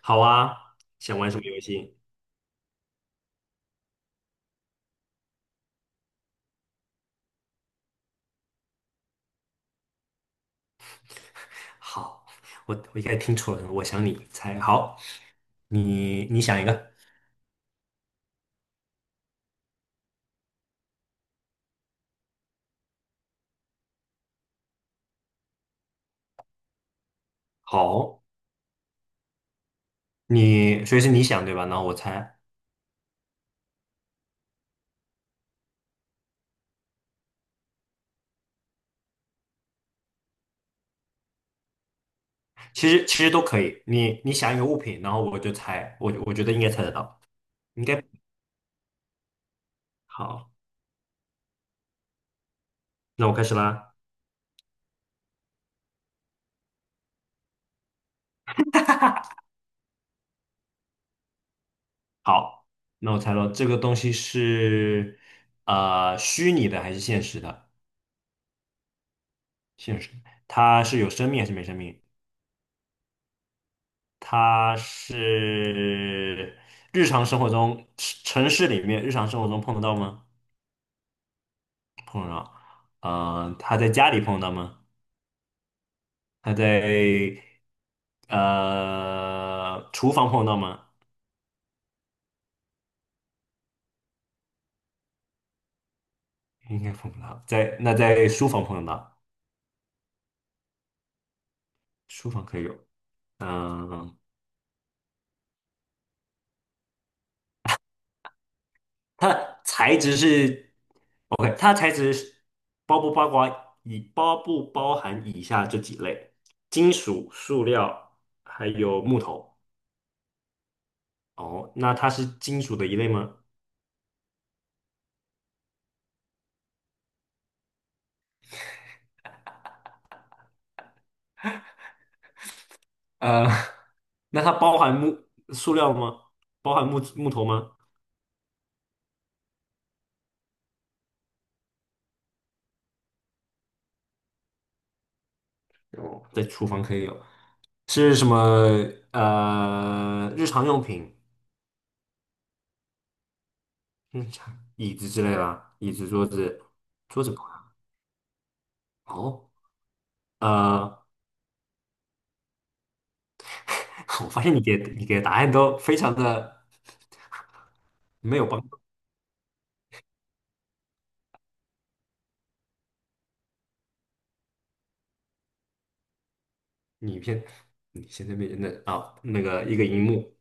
好啊，想玩什么游戏？好，我应该听错了，我想你猜。好，你想一个。好，你所以是你想对吧？然后我猜，其实都可以。你想一个物品，然后我就猜，我觉得应该猜得到，应该好。那我开始啦。好，那我猜了，这个东西是虚拟的还是现实的？现实，它是有生命还是没生命？它是日常生活中城市里面日常生活中碰得到吗？碰得到。他在家里碰得到吗？他在厨房碰得到吗？应该碰不到。在书房碰得到，书房可以有。嗯、它的材质是 OK，它的材质是包不包含以下这几类：金属、塑料还有木头。哦，那它是金属的一类吗？呃，那它包含塑料吗？包含木头吗？哦，在厨房可以有，是什么？日常用品，椅子之类的，椅子、桌子，桌子不含哦，呃，我发现你给的答案都非常的没有帮助。你偏你现在面前的那个一个荧幕，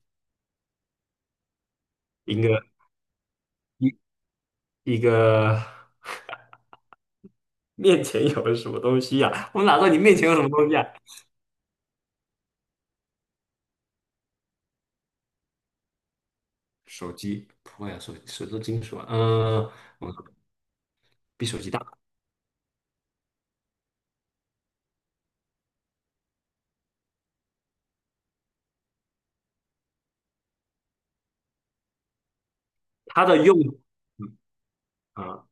一个一一个面前有什么东西呀？我哪知道你面前有什么东西啊？手机不会啊，手机都金属啊，我比手机大。它的用，嗯啊、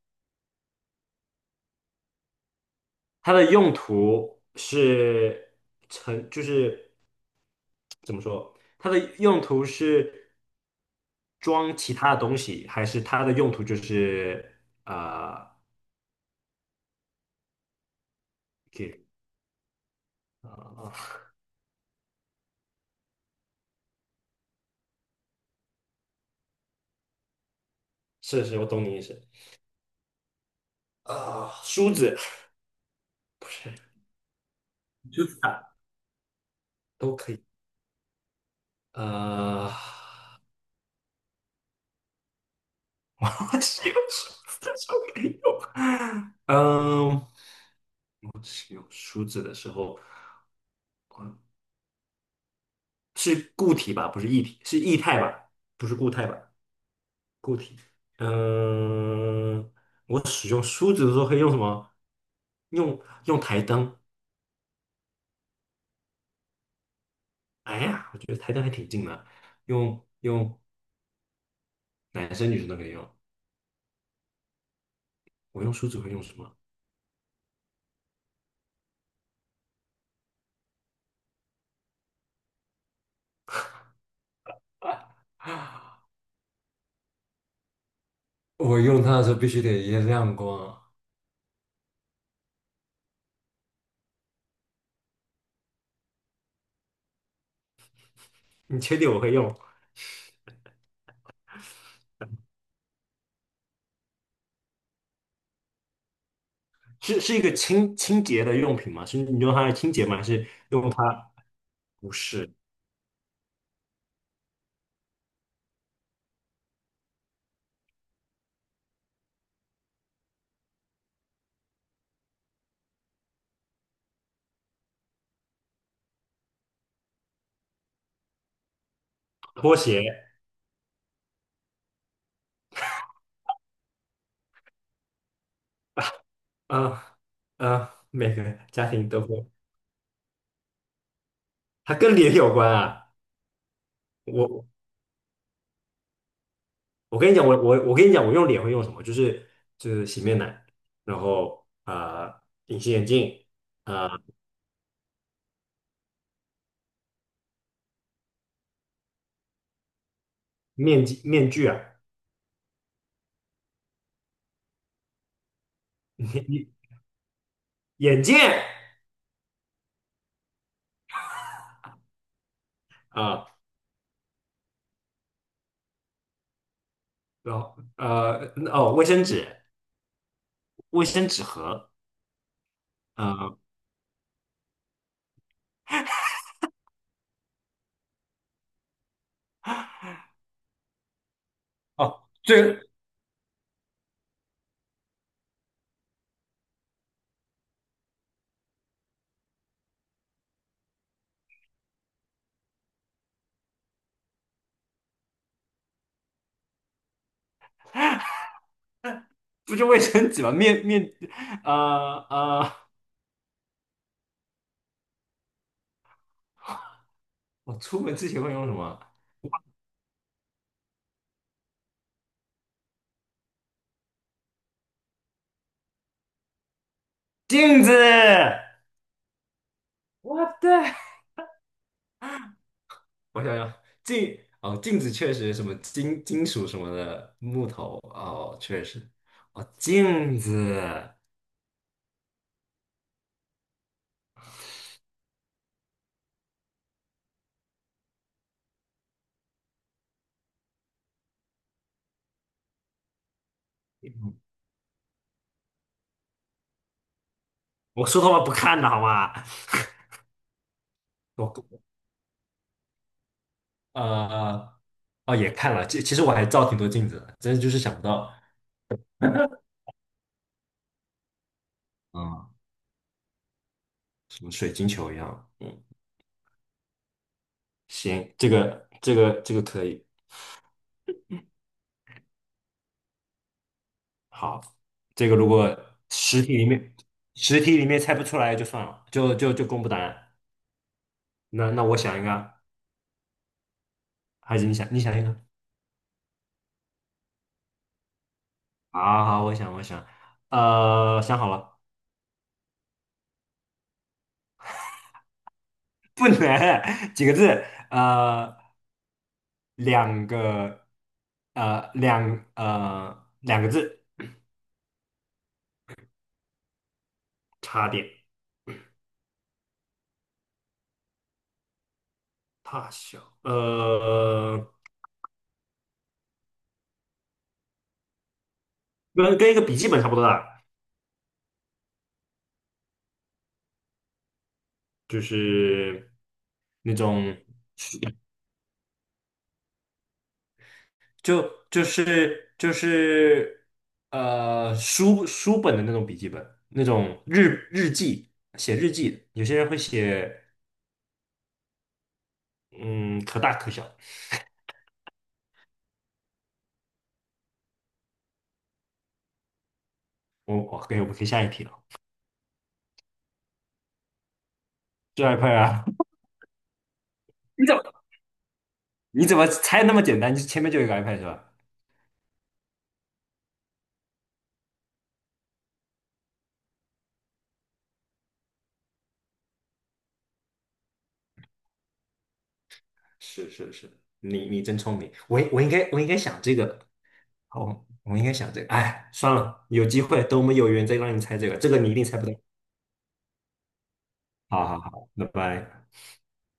它的用途是就是怎么说？它的用途是装其他的东西，还是它的用途就是啊、给啊、是是，我懂你意思。梳子，不是，梳子啊，都可以。呃，我是用梳子就可以用。嗯，使用梳子的时候，嗯，是固体吧？不是液体，是液态吧？不是固态吧？固体。嗯，我使用梳子的时候可以用什么？用用台灯。哎呀，我觉得台灯还挺近的。用用男生女生都可以用。我用梳子会用什么？我用它的时候必须得一亮光。你确定我会用？是一个清洁的用品吗？是你用它来清洁吗？还是用它？不是，拖鞋。啊每个家庭都会，它跟脸有关啊。我我跟你讲，我跟你讲，我用脸会用什么？就是洗面奶，然后隐形眼镜，啊、呃面具啊，眼眼镜，啊、然后哦，卫生纸、卫生纸盒，啊、呃哦，这不就卫生纸吗？啊啊、呃呃我出门之前会用什么？镜子。我的。我想想，哦，镜子确实什么金属什么的，木头哦，确实哦，镜子。我说的话不看的好吗？我呃哦也看了，其实我还照挺多镜子的，真的就是想不到，嗯，什么水晶球一样，行，这个可以。好，这个如果实体里面实体里面猜不出来就算了，就公布答案。那我想一个，还是你想一个？好好，我想，想好了，不能 几个字，呃，两个，两个字，差点，大小，跟一个笔记本差不多大，就是那种，就是，书本的那种笔记本，那种日记，写日记的，有些人会写，嗯，可大可小。我们可以下一题了，是 iPad 啊？你怎么你怎么猜那么简单？就前面就有一个 iPad 是吧？是是是，你真聪明，我应该想这个。好，我应该想这个，哎，算了，有机会等我们有缘再让你猜这个，这个你一定猜不到。好好好，拜拜。